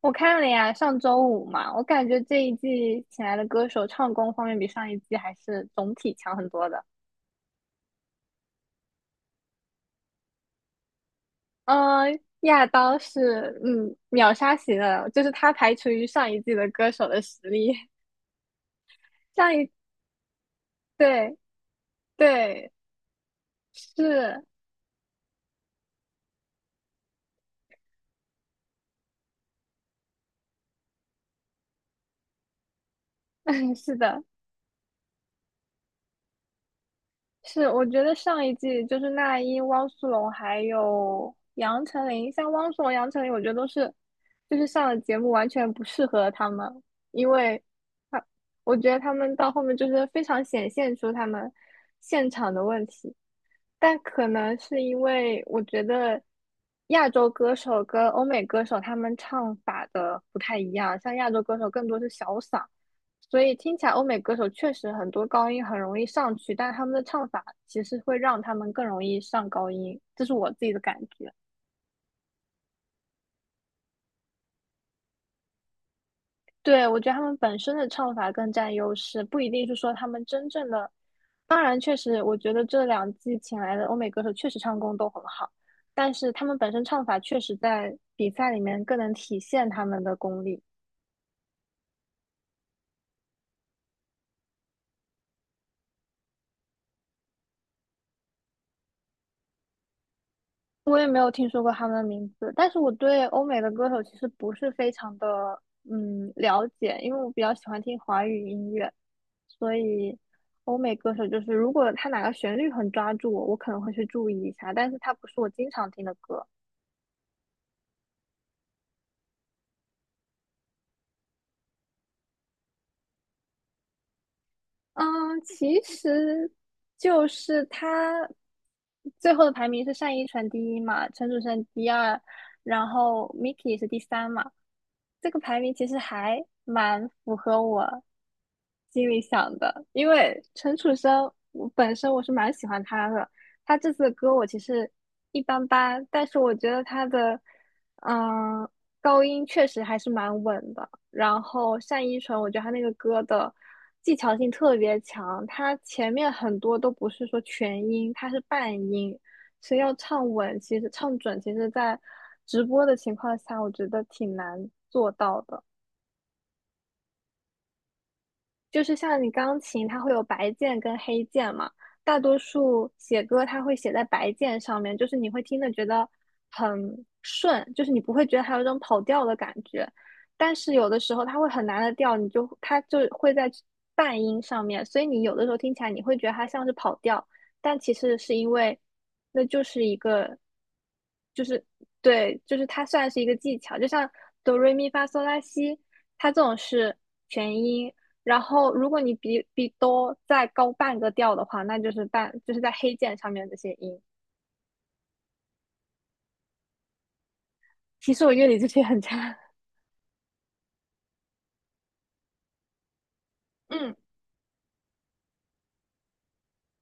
我看了呀，上周五嘛，我感觉这一季请来的歌手唱功方面比上一季还是总体强很多的。嗯、亚当是秒杀型的，就是他排除于上一季的歌手的实力。上一对对是 是的，是，我觉得上一季就是那英、汪苏泷还有杨丞琳，像汪苏泷、杨丞琳，我觉得都是就是上了节目完全不适合他们，因为他我觉得他们到后面就是非常显现出他们现场的问题，但可能是因为我觉得亚洲歌手跟欧美歌手他们唱法的不太一样，像亚洲歌手更多是小嗓，所以听起来欧美歌手确实很多高音很容易上去，但他们的唱法其实会让他们更容易上高音，这是我自己的感觉。对，我觉得他们本身的唱法更占优势，不一定是说他们真正的。当然，确实，我觉得这两季请来的欧美歌手确实唱功都很好，但是他们本身唱法确实在比赛里面更能体现他们的功力。我也没有听说过他们的名字，但是我对欧美的歌手其实不是非常的了解，因为我比较喜欢听华语音乐，所以欧美歌手就是如果他哪个旋律很抓住我，我可能会去注意一下，但是他不是我经常听的歌。嗯，其实就是他最后的排名是单依纯第一嘛，陈楚生第二，然后 Miki 是第三嘛。这个排名其实还蛮符合我心里想的，因为陈楚生我本身我是蛮喜欢他的，他这次的歌我其实一般般，但是我觉得他的嗯高音确实还是蛮稳的。然后单依纯，我觉得她那个歌的技巧性特别强，她前面很多都不是说全音，她是半音，所以要唱稳，其实唱准，其实在直播的情况下，我觉得挺难做到的。就是像你钢琴，它会有白键跟黑键嘛，大多数写歌它会写在白键上面，就是你会听的觉得很顺，就是你不会觉得它有一种跑调的感觉。但是有的时候它会很难的调，你就它就会在半音上面，所以你有的时候听起来你会觉得它像是跑调，但其实是因为那就是一个对，就是它算是一个技巧，就像哆瑞咪发嗦拉西，它这种是全音。然后，如果你比哆再高半个调的话，那就是半，就是在黑键上面这些音。其实我乐理这些很差。嗯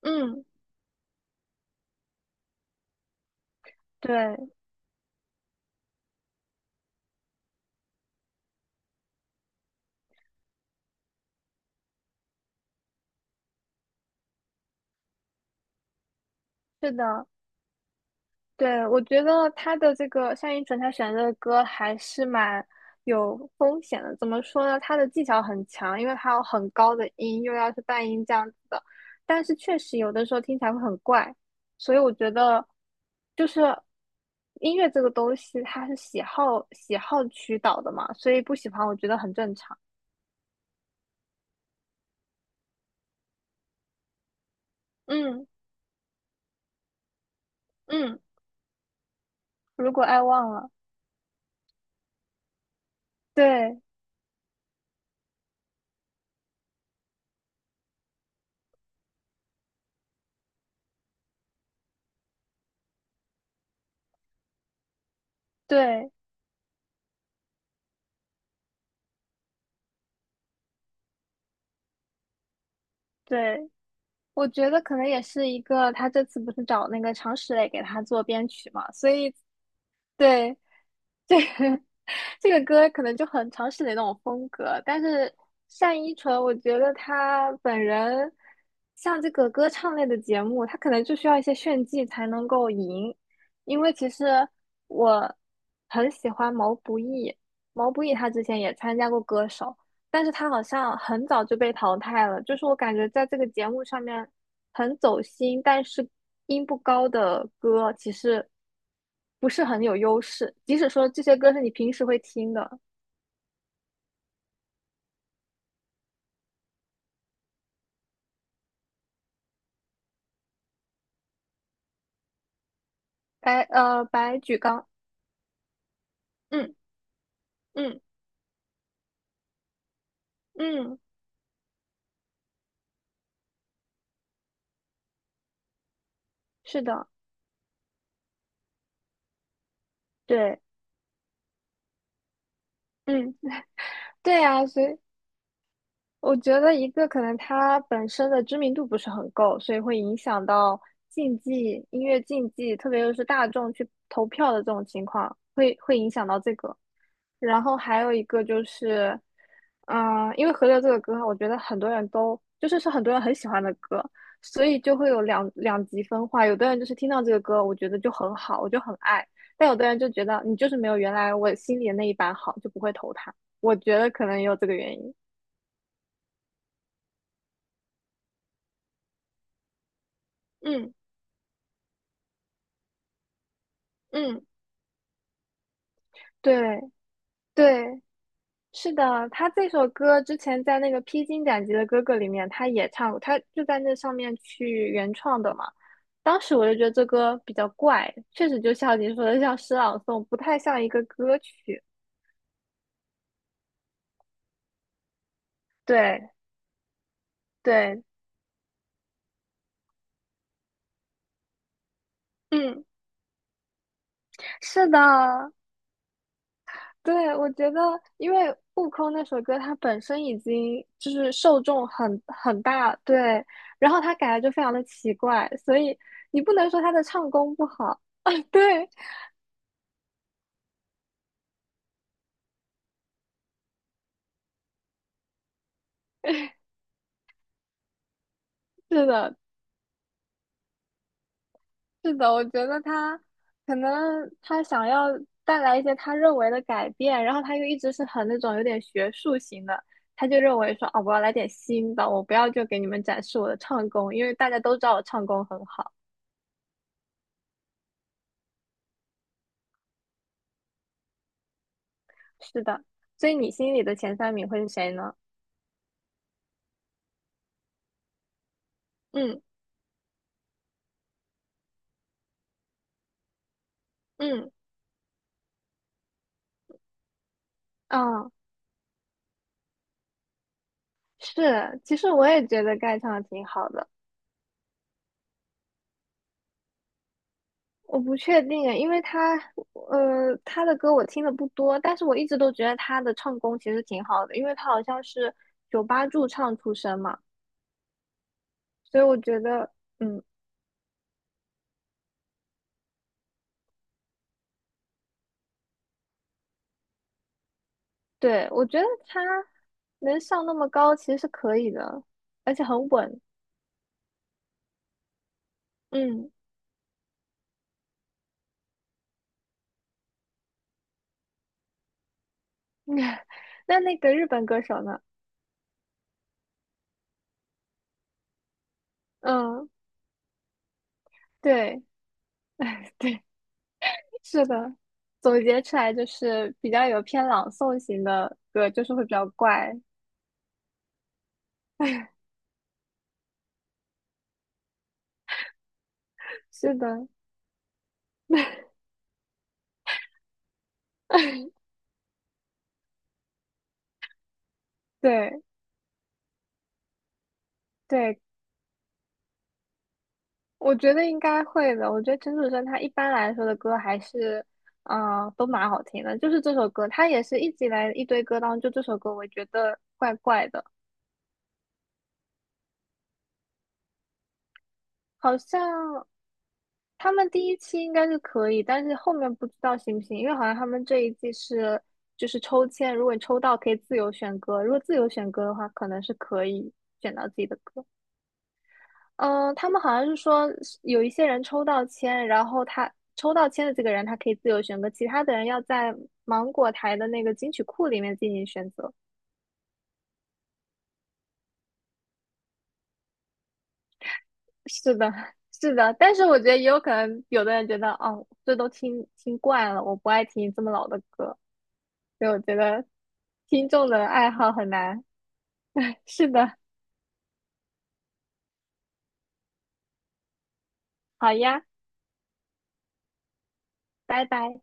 嗯，对，是的，对，我觉得他的这个单依纯，他选的歌还是蛮有风险的。怎么说呢？他的技巧很强，因为他有很高的音，又要是半音这样子的。但是确实有的时候听起来会很怪，所以我觉得就是音乐这个东西，它是喜好驱导的嘛，所以不喜欢我觉得很正常。嗯嗯，如果爱忘了，对对对。我觉得可能也是一个，他这次不是找那个常石磊给他做编曲嘛，所以对这个 这个歌可能就很常石磊那种风格。但是单依纯，我觉得他本人像这个歌唱类的节目，他可能就需要一些炫技才能够赢。因为其实我很喜欢毛不易，毛不易他之前也参加过歌手，但是他好像很早就被淘汰了，就是我感觉在这个节目上面很走心，但是音不高的歌其实不是很有优势，即使说这些歌是你平时会听的，白举纲，嗯嗯嗯，是的，对，嗯对啊，所以我觉得一个可能他本身的知名度不是很够，所以会影响到竞技音乐竞技，特别又是大众去投票的这种情况，会影响到这个。然后还有一个就是，因为《河流》这个歌，我觉得很多人都就是是很多人很喜欢的歌，所以就会有两极分化。有的人就是听到这个歌，我觉得就很好，我就很爱；但有的人就觉得你就是没有原来我心里的那一版好，就不会投他。我觉得可能也有这个原因。嗯嗯，对对是的，他这首歌之前在那个《披荆斩棘的哥哥》里面他也唱过，他就在那上面去原创的嘛。当时我就觉得这歌比较怪，确实就像你说的，像诗朗诵，不太像一个歌曲。对对，嗯，是的，对，我觉得因为《悟空》那首歌它本身已经就是受众很大，对，然后他改的就非常的奇怪，所以你不能说他的唱功不好。对，是的，是的，我觉得他可能他想要带来一些他认为的改变，然后他又一直是很那种有点学术型的，他就认为说啊，我要来点新的，我不要就给你们展示我的唱功，因为大家都知道我唱功很好。是的，所以你心里的前三名会是谁呢？嗯嗯嗯，是，其实我也觉得盖唱的挺好的。我不确定诶，因为他，呃，他的歌我听的不多，但是我一直都觉得他的唱功其实挺好的，因为他好像是酒吧驻唱出身嘛，所以我觉得，嗯，对，我觉得他能上那么高其实是可以的，而且很稳，嗯。那那个日本歌手呢？嗯，对，哎，对，是的，总结出来就是比较有偏朗诵型的歌，就是会比较怪，是的，对。对，我觉得应该会的。我觉得陈楚生他一般来说的歌还是，都蛮好听的。就是这首歌，他也是一直以来一堆歌当中，就这首歌我觉得怪怪的，好像他们第一期应该是可以，但是后面不知道行不行，因为好像他们这一季是就是抽签，如果你抽到可以自由选歌，如果自由选歌的话，可能是可以选到自己的歌。嗯，他们好像是说有一些人抽到签，然后他抽到签的这个人，他可以自由选择，其他的人要在芒果台的那个金曲库里面进行选择。是的，是的，但是我觉得也有可能，有的人觉得哦，这都听听惯了，我不爱听这么老的歌，所以我觉得听众的爱好很难。是的，好呀，拜拜。